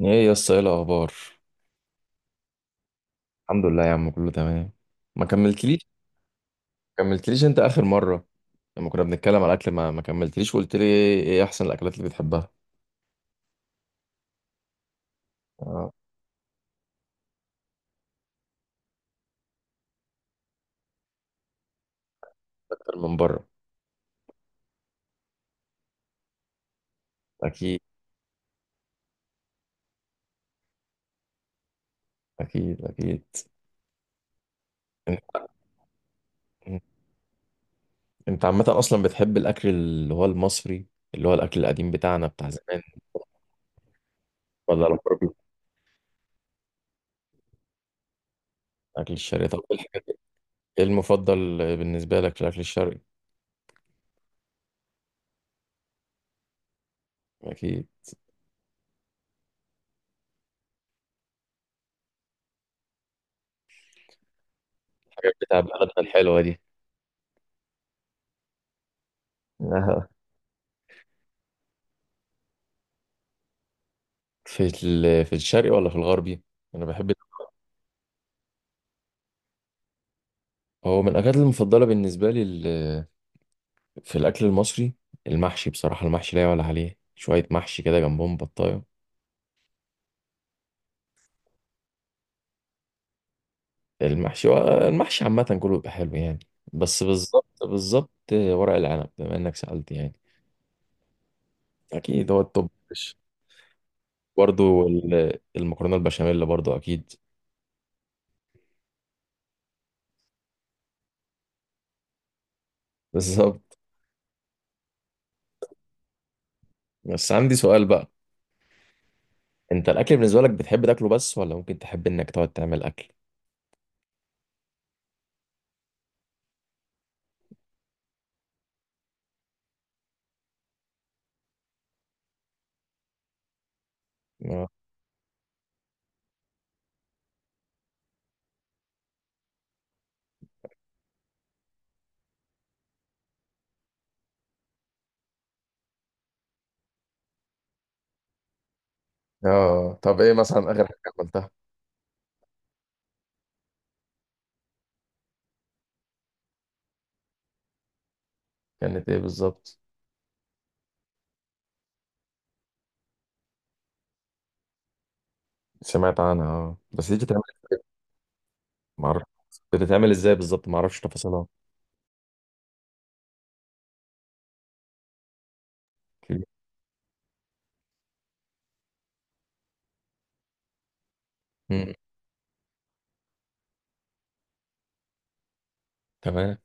ايه يا اسطى، ايه الاخبار؟ الحمد لله يا عم، كله تمام. ما كملتليش. ما كملتليش انت اخر مره. لما كنا بنتكلم على الاكل، ما كملتليش وقلت لي إيه احسن الاكلات اللي بتحبها. آه، اكتر من بره. اكيد، اكيد، اكيد. انت أنت عامه اصلا بتحب الاكل اللي هو المصري، اللي هو الاكل القديم بتاعنا بتاع زمان. ولا الغربي؟ الاكل الشرقي، طب ايه الحاجات؟ ايه المفضل بالنسبه لك في الاكل الشرقي؟ اكيد. الحاجات بتاع بلدنا الحلوه دي. آه. في الشرقي ولا في الغربي؟ انا بحب. هو من الأكلات المفضلة بالنسبة لي في الأكل المصري. المحشي بصراحة، المحشي لا يعلى عليه، شوية محشي كده جنبهم بطاية. المحشي. المحشي عامة كله بيبقى حلو يعني. بس بالظبط بالظبط، ورق العنب بما إنك سألت يعني. أكيد هو التوب. برضه. المكرونة البشاميل برضه أكيد. بالظبط. بس عندي سؤال بقى. أنت الأكل بالنسبة لك بتحب تاكله بس ولا ممكن تحب إنك تقعد تعمل أكل؟ آه. آه، طب إيه مثلا آخر حاجة عملتها؟ كانت إيه بالظبط؟ سمعت عنها، اه بس دي بتتعمل. معرفش. بتتعمل ازاي بالظبط، معرفش تفاصيلها. مم. تمام.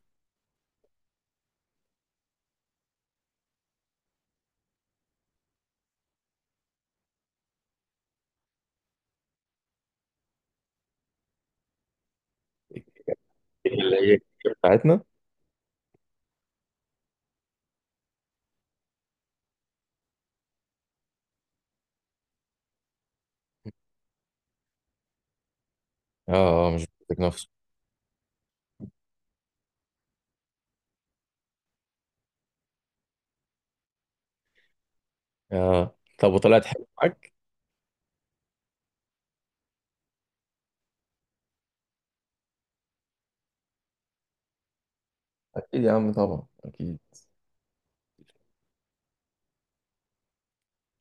اللي هي بتاعتنا. اه، اه، مش بتاعتك نفسه. اه، طب وطلعت حلوه معاك؟ اكيد يا عم طبعا اكيد.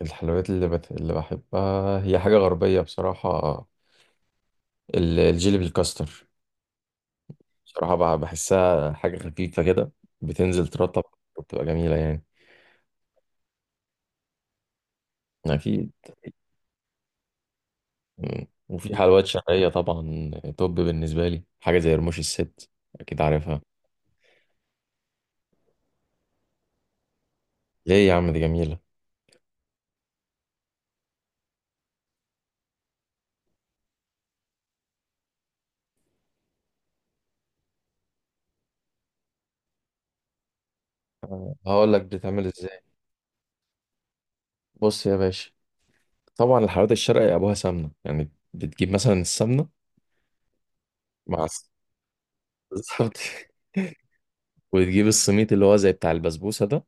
الحلويات اللي بحبها هي حاجه غربيه بصراحه. الجيلي بالكاستر. بصراحه بحسها حاجه خفيفه كده. بتنزل ترطب. وبتبقى جميله يعني. اكيد. مم. وفي حلويات شرقيه طبعا. توب بالنسبه لي حاجه زي رموش الست. اكيد عارفها. ليه يا عم؟ دي جميلة. آه، هقول لك بتتعمل ازاي. بص يا باشا. طبعا الحلويات الشرقي ابوها سمنة، يعني بتجيب مثلا السمنة مع الس- بالظبط. وتجيب السميط اللي هو زي بتاع البسبوسة ده.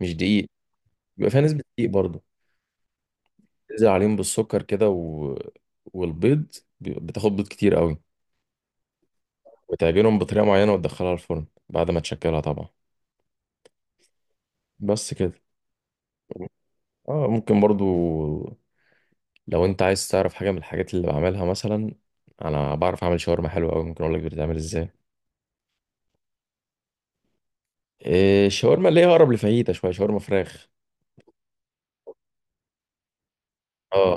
مش دقيق. بيبقى فيها نسبة دقيق برضه. تنزل عليهم بالسكر كده و... بتاخد بيض كتير قوي. وتعجنهم بطريقة معينة وتدخلها الفرن بعد ما تشكلها طبعا. بس كده. اه، ممكن برضو. لو انت عايز تعرف حاجة من الحاجات اللي بعملها مثلا، انا بعرف اعمل شاورما حلوة قوي، ممكن اقول لك بتتعمل ازاي. إيه، الشاورما اللي هي اقرب لفاهيتا شويه، شاورما فراخ. اه،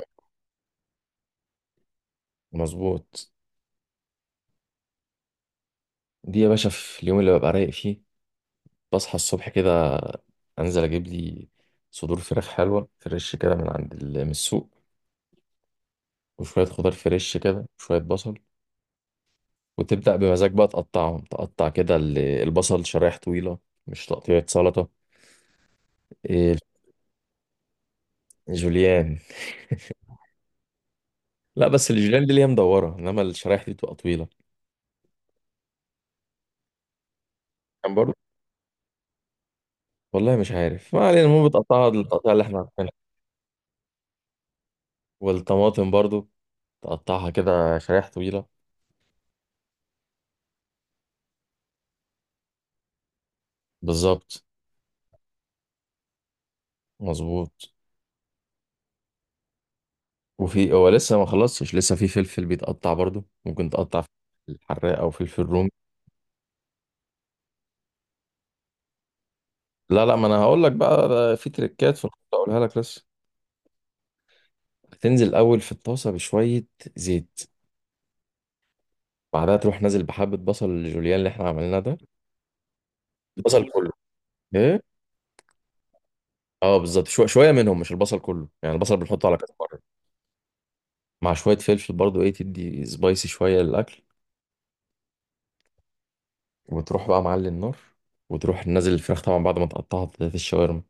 مظبوط. دي يا باشا في اليوم اللي ببقى رايق فيه، بصحى الصبح كده، انزل اجيب لي صدور فراخ حلوه فريش كده من السوق، وشويه خضار فريش كده وشويه بصل. وتبدا بمزاج بقى تقطعهم، تقطع كده البصل شرايح طويله، مش تقطيعه سلطه. إيه، جوليان. لا بس الجوليان دي اللي هي مدوره، انما الشرايح دي بتبقى طويله. كان برضه. والله مش عارف، ما علينا، المهم بتقطعها التقطيع اللي احنا عارفينها. والطماطم برضو، تقطعها كده شرايح طويلة. بالظبط. مظبوط. وفي هو لسه ما خلصتش، لسه في فلفل بيتقطع برضو، ممكن تقطع فلفل حراق او فلفل رومي. لا لا، ما انا هقول لك بقى، ده في تريكات في الخطة اقولها لك لسه. هتنزل اول في الطاسة بشوية زيت. بعدها تروح نازل بحبة بصل الجوليان اللي احنا عملناه ده. البصل كله. ايه. اه بالظبط، شوية شوية منهم، مش البصل كله، يعني البصل بنحطه على كذا مرة، مع شوية فلفل برضو ايه، تدي سبايسي شوية للاكل. وتروح بقى معلي النار، وتروح نازل الفراخ طبعا بعد ما تقطعها في الشاورما.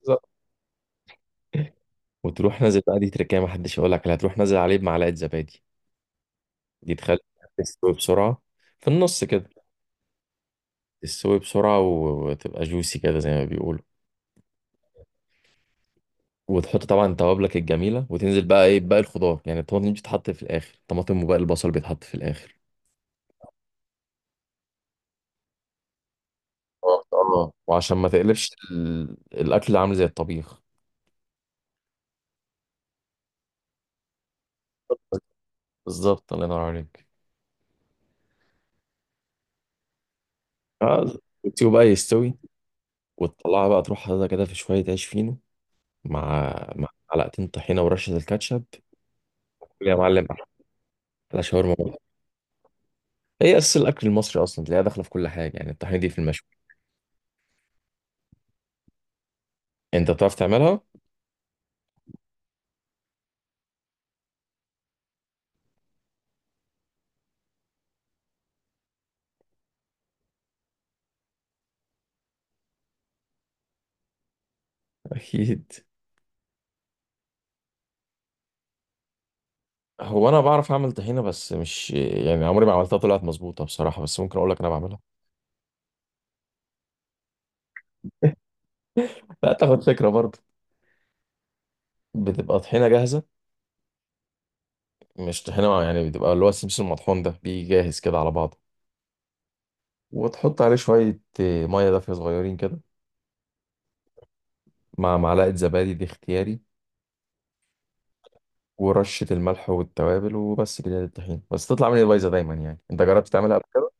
بالظبط. وتروح نازل بقى، دي تركية ما حدش يقول لك عليها، تروح نازل عليه بمعلقة زبادي. دي تخلي تستوي بسرعة، في النص كده. تستوي بسرعة وتبقى جوسي كده زي ما بيقولوا. وتحط طبعا توابلك الجميلة، وتنزل بقى ايه باقي الخضار، يعني الطماطم بتتحط في الآخر، الطماطم وباقي البصل بيتحط في الآخر. اه، آه. وعشان ما تقلبش الأكل عامل زي الطبيخ. بالظبط، الله ينور عليك. اه، وتسيبه بقى يستوي. وتطلعها بقى، تروح حاططها كده في شوية عيش فينو مع مع معلقتين طحينة ورشة الكاتشب. كل يا معلم. أحلى شاورما بره. هي أساس الأكل المصري أصلا، تلاقيها داخلة في كل حاجة، يعني الطحينة دي في المشوي. أنت بتعرف تعملها؟ أكيد. هو أنا بعرف أعمل طحينة بس مش يعني، عمري ما عملتها طلعت مظبوطة بصراحة، بس ممكن أقول لك أنا بعملها. لا، تاخد فكرة برضه. بتبقى طحينة جاهزة، مش طحينة يعني، بتبقى اللي هو السمسم المطحون ده بيجي جاهز كده على بعضه. وتحط عليه شوية مية دافية صغيرين كده، مع معلقة زبادي دي اختياري، ورشة الملح والتوابل وبس كده للطحين. بس تطلع مني بايظة دايما يعني، انت جربت تعملها قبل كده؟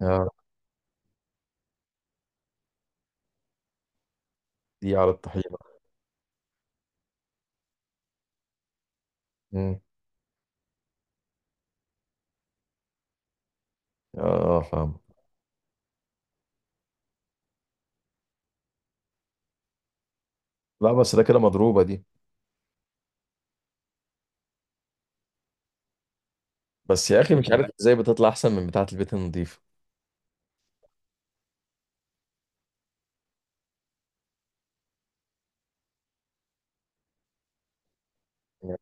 اه، دي على الطحين. امم. اه، فاهم. لا بس ده كده مضروبة دي. بس يا اخي مش عارف ازاي بتطلع احسن من بتاعة البيت النظيفة. عندك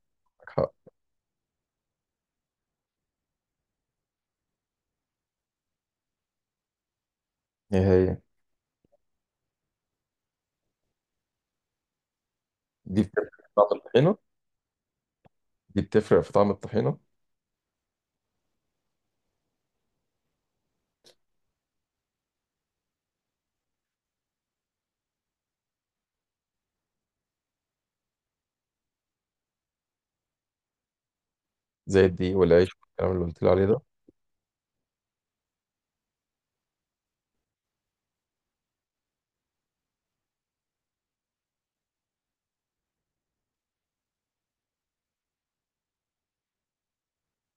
حق. ايه هي. دي بتفرق في طعم الطحينة. دي بتفرق في طعم الطحينة. زي الدقيق والعيش والكلام اللي قلت لي عليه ده.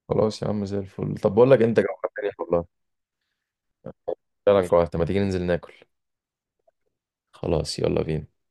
خلاص يا عم زي الفل، طب بقول لك إيه، انت جوعتني والله، فعلا جوعت، ما تيجي ننزل ناكل. خلاص يلا بينا.